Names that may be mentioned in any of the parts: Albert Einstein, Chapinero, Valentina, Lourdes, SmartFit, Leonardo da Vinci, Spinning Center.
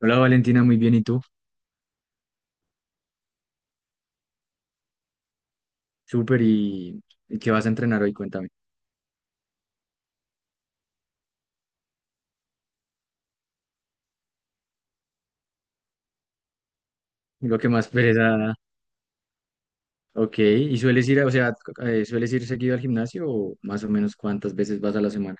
Hola Valentina, muy bien. ¿Y tú? Súper. ¿Y qué vas a entrenar hoy? Cuéntame. Lo que más pereza da. Ok. ¿Y sueles ir, o sea, sueles ir seguido al gimnasio o más o menos cuántas veces vas a la semana?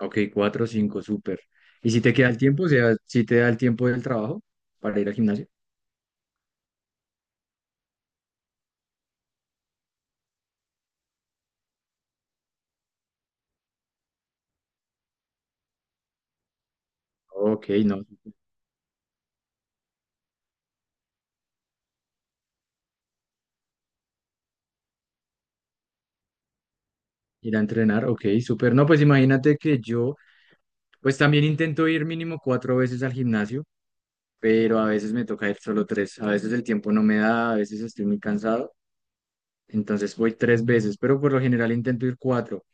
Ok, cuatro, o cinco, súper. ¿Y si te queda el tiempo? O sea, si te da el tiempo del trabajo para ir al gimnasio. Ok, no. Ir a entrenar, ok, súper. No, pues imagínate que yo, pues también intento ir mínimo cuatro veces al gimnasio. Pero a veces me toca ir solo tres. A veces el tiempo no me da, a veces estoy muy cansado. Entonces voy tres veces, pero por lo general intento ir cuatro.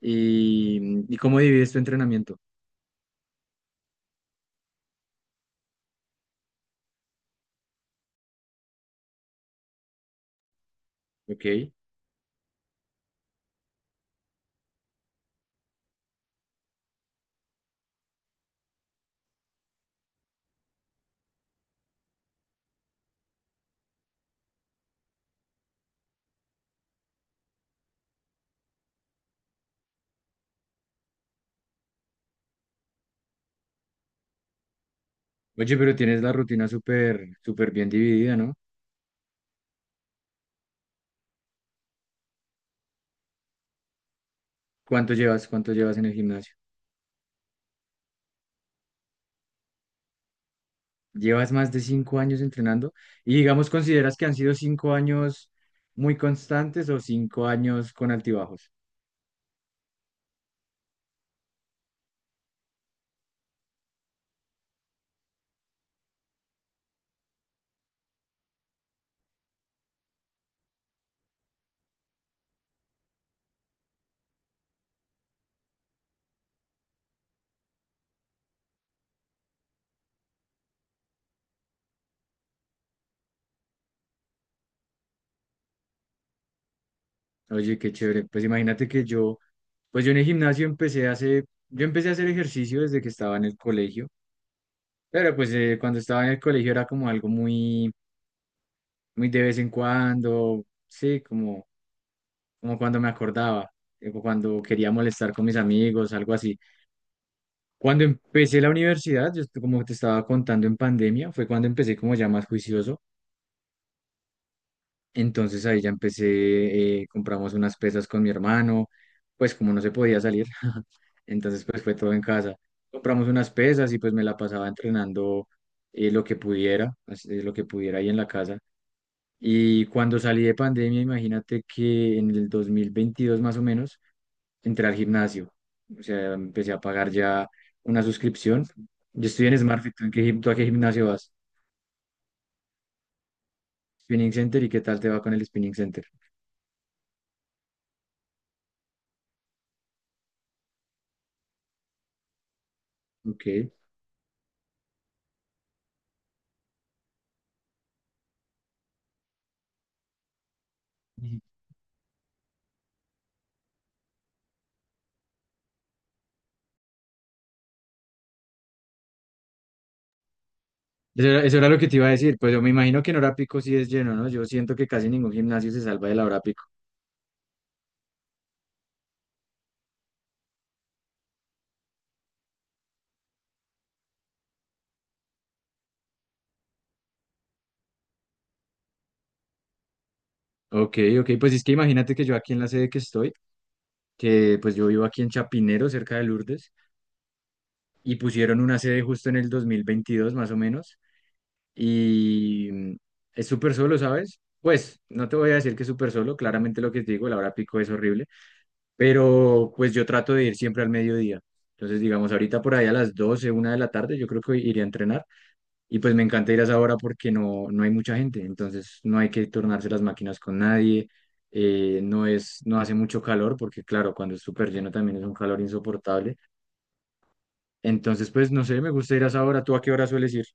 ¿Y cómo divides tu entrenamiento? Ok. Oye, pero tienes la rutina súper, súper bien dividida, ¿no? ¿Cuánto llevas en el gimnasio? ¿Llevas más de cinco años entrenando? Y digamos, ¿consideras que han sido cinco años muy constantes o cinco años con altibajos? Oye, qué chévere. Pues imagínate que yo, pues yo en el gimnasio empecé hace, yo empecé a hacer ejercicio desde que estaba en el colegio, pero pues cuando estaba en el colegio era como algo muy muy de vez en cuando, sí, como cuando me acordaba, o cuando quería molestar con mis amigos, algo así. Cuando empecé la universidad, como te estaba contando en pandemia, fue cuando empecé como ya más juicioso. Entonces ahí ya empecé, compramos unas pesas con mi hermano, pues como no se podía salir, entonces pues fue todo en casa. Compramos unas pesas y pues me la pasaba entrenando lo que pudiera, lo que pudiera ahí en la casa. Y cuando salí de pandemia, imagínate que en el 2022 más o menos, entré al gimnasio. O sea, empecé a pagar ya una suscripción. Yo estoy en SmartFit. ¿Tú a qué gimnasio vas? Spinning Center. ¿Y qué tal te va con el Spinning Center? Ok. Ujú. Eso era lo que te iba a decir. Pues yo me imagino que en hora pico sí es lleno, ¿no? Yo siento que casi ningún gimnasio se salva de la hora pico. Ok, ok. Pues es que imagínate que yo aquí en la sede que estoy, que pues yo vivo aquí en Chapinero, cerca de Lourdes. Y pusieron una sede justo en el 2022 más o menos. Y es súper solo, ¿sabes? Pues no te voy a decir que es súper solo, claramente lo que te digo, la hora pico es horrible, pero pues yo trato de ir siempre al mediodía. Entonces, digamos, ahorita por ahí a las doce una de la tarde, yo creo que iré a entrenar y pues me encanta ir a esa hora porque no hay mucha gente, entonces no hay que tornarse las máquinas con nadie, no hace mucho calor porque claro, cuando es súper lleno también es un calor insoportable. Entonces, pues no sé, me gusta ir a esa hora. ¿Tú a qué hora sueles ir?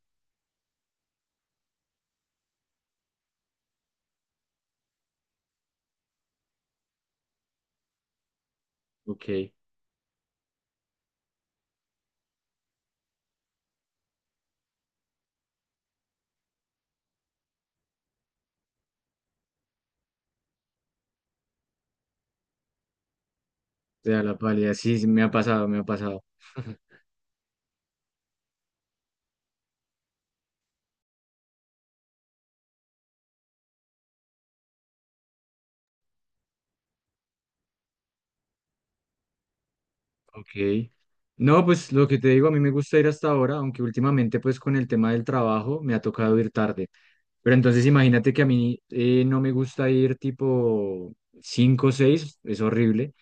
Ok, te da la pálida. Sí, sí, me ha pasado, me ha pasado. Ok. No, pues lo que te digo, a mí me gusta ir hasta ahora, aunque últimamente pues con el tema del trabajo me ha tocado ir tarde. Pero entonces imagínate que a mí no me gusta ir tipo 5 o 6, es horrible.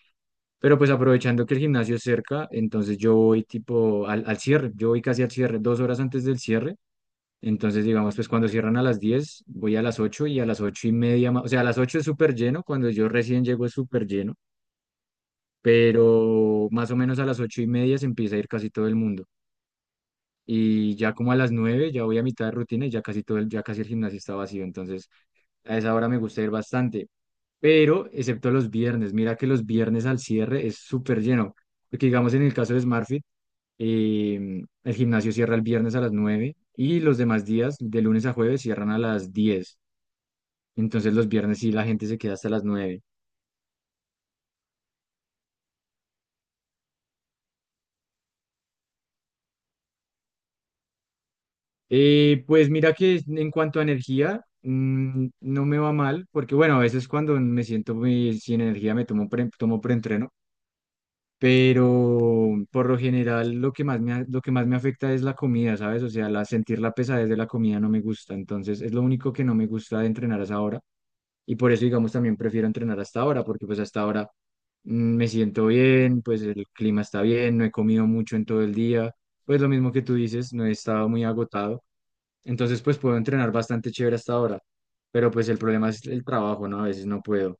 Pero pues aprovechando que el gimnasio es cerca, entonces yo voy tipo al cierre, yo voy casi al cierre, 2 horas antes del cierre. Entonces, digamos, pues cuando cierran a las 10 voy a las 8 y a las 8 y media, o sea, a las 8 es súper lleno, cuando yo recién llego es súper lleno, pero más o menos a las 8 y media se empieza a ir casi todo el mundo. Y ya como a las 9 ya voy a mitad de rutina y ya casi todo el, ya casi el gimnasio está vacío, entonces a esa hora me gusta ir bastante, pero excepto los viernes, mira que los viernes al cierre es súper lleno, porque digamos en el caso de SmartFit, el gimnasio cierra el viernes a las 9 y los demás días, de lunes a jueves, cierran a las diez. Entonces los viernes sí la gente se queda hasta las nueve. Pues mira que en cuanto a energía, no me va mal, porque bueno, a veces cuando me siento muy sin energía tomo preentreno, pero por lo general lo que más me afecta es la comida, ¿sabes? O sea, sentir la pesadez de la comida no me gusta, entonces es lo único que no me gusta de entrenar a esa hora. Y por eso, digamos, también prefiero entrenar hasta ahora, porque pues hasta ahora me siento bien, pues el clima está bien, no he comido mucho en todo el día, pues lo mismo que tú dices, no he estado muy agotado. Entonces, pues puedo entrenar bastante chévere hasta ahora, pero pues el problema es el trabajo, ¿no? A veces no puedo.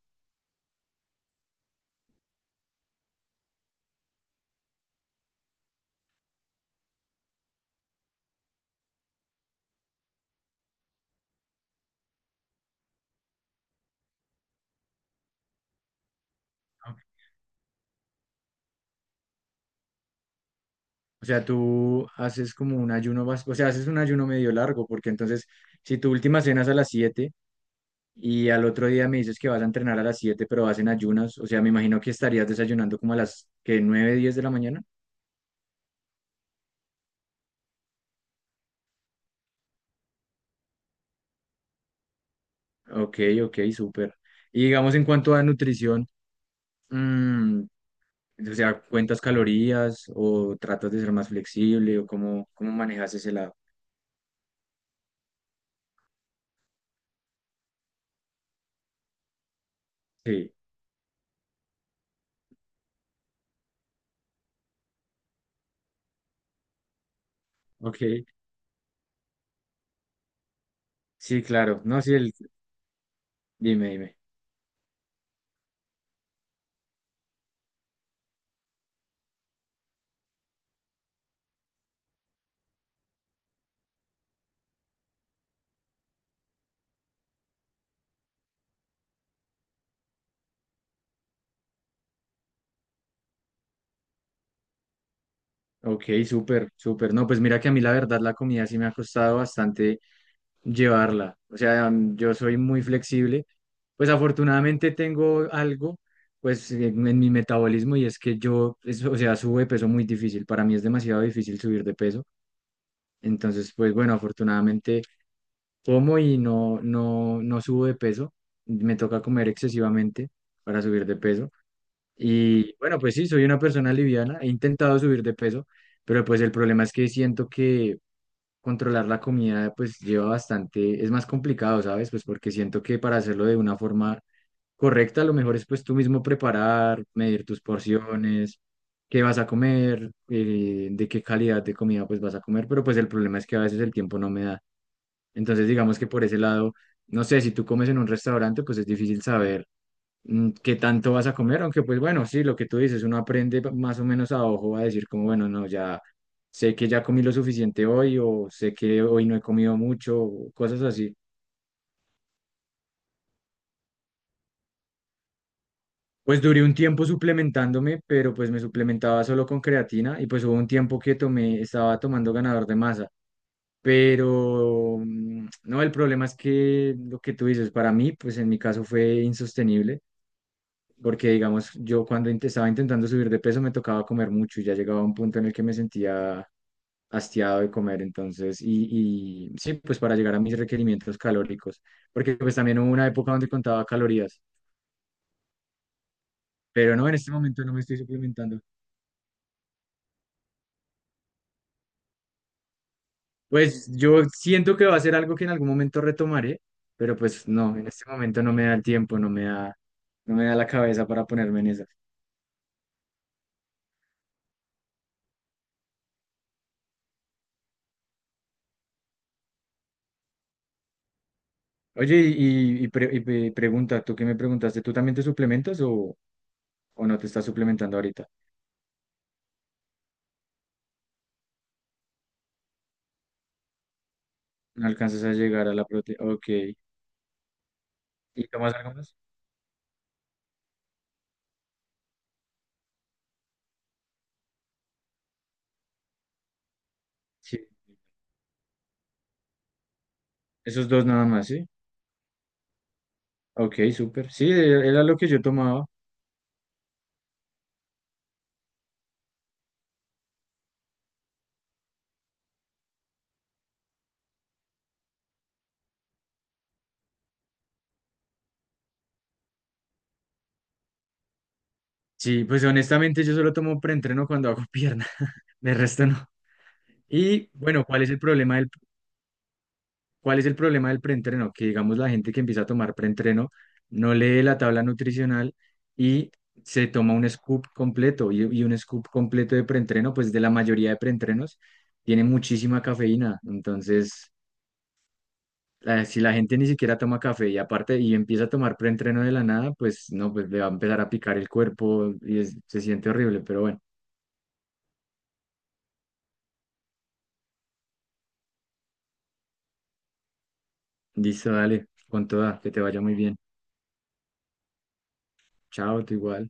O sea, tú haces como un ayuno, o sea, haces un ayuno medio largo, porque entonces, si tu última cena es a las 7 y al otro día me dices que vas a entrenar a las 7 pero vas en ayunas, o sea, me imagino que estarías desayunando como a las que 9 10 de la mañana. Ok, ok, súper. Y digamos en cuanto a nutrición, mm, o sea, ¿cuentas calorías o tratas de ser más flexible o cómo manejas ese lado? Sí, ok. Sí, claro. No, sí, dime, dime. Ok, súper, súper. No, pues mira que a mí la verdad la comida sí me ha costado bastante llevarla. O sea, yo soy muy flexible. Pues afortunadamente tengo algo, pues en mi metabolismo y es que yo, o sea, subo de peso muy difícil. Para mí es demasiado difícil subir de peso. Entonces, pues bueno, afortunadamente como y no subo de peso. Me toca comer excesivamente para subir de peso. Y bueno, pues sí, soy una persona liviana. He intentado subir de peso, pero pues el problema es que siento que controlar la comida pues lleva bastante, es más complicado, ¿sabes? Pues porque siento que para hacerlo de una forma correcta, lo mejor es pues tú mismo preparar, medir tus porciones qué vas a comer, de qué calidad de comida pues vas a comer, pero pues el problema es que a veces el tiempo no me da. Entonces, digamos que por ese lado, no sé, si tú comes en un restaurante, pues es difícil saber qué tanto vas a comer, aunque pues bueno, sí, lo que tú dices, uno aprende más o menos a ojo a decir como, bueno, no, ya sé que ya comí lo suficiente hoy o sé que hoy no he comido mucho, o cosas así. Pues duré un tiempo suplementándome, pero pues me suplementaba solo con creatina y pues hubo un tiempo que estaba tomando ganador de masa. Pero no, el problema es que lo que tú dices, para mí, pues en mi caso fue insostenible porque digamos, yo cuando estaba intentando subir de peso me tocaba comer mucho y ya llegaba a un punto en el que me sentía hastiado de comer, entonces, y sí, pues para llegar a mis requerimientos calóricos, porque pues también hubo una época donde contaba calorías, pero no, en este momento no me estoy suplementando. Pues yo siento que va a ser algo que en algún momento retomaré, pero pues no, en este momento no me da el tiempo, no me da, no me da la cabeza para ponerme en eso. Oye, pregunta, ¿tú qué me preguntaste? ¿Tú también te suplementas o no te estás suplementando ahorita? No alcanzas a llegar a la proteína. Ok. ¿Y tomas algo más? Sí. Esos dos nada más, ¿sí? Ok, súper. Sí, era lo que yo tomaba. Sí, pues honestamente yo solo tomo preentreno cuando hago pierna. De resto no. Y bueno, ¿Cuál es el problema del preentreno? Que digamos la gente que empieza a tomar preentreno no lee la tabla nutricional y se toma un scoop completo y un scoop completo de preentreno, pues de la mayoría de preentrenos tiene muchísima cafeína. Entonces, si la gente ni siquiera toma café y aparte y empieza a tomar preentreno de la nada, pues no, pues le va a empezar a picar el cuerpo y se siente horrible. Pero bueno, listo, dale, con toda, que te vaya muy bien. Chao, tú igual.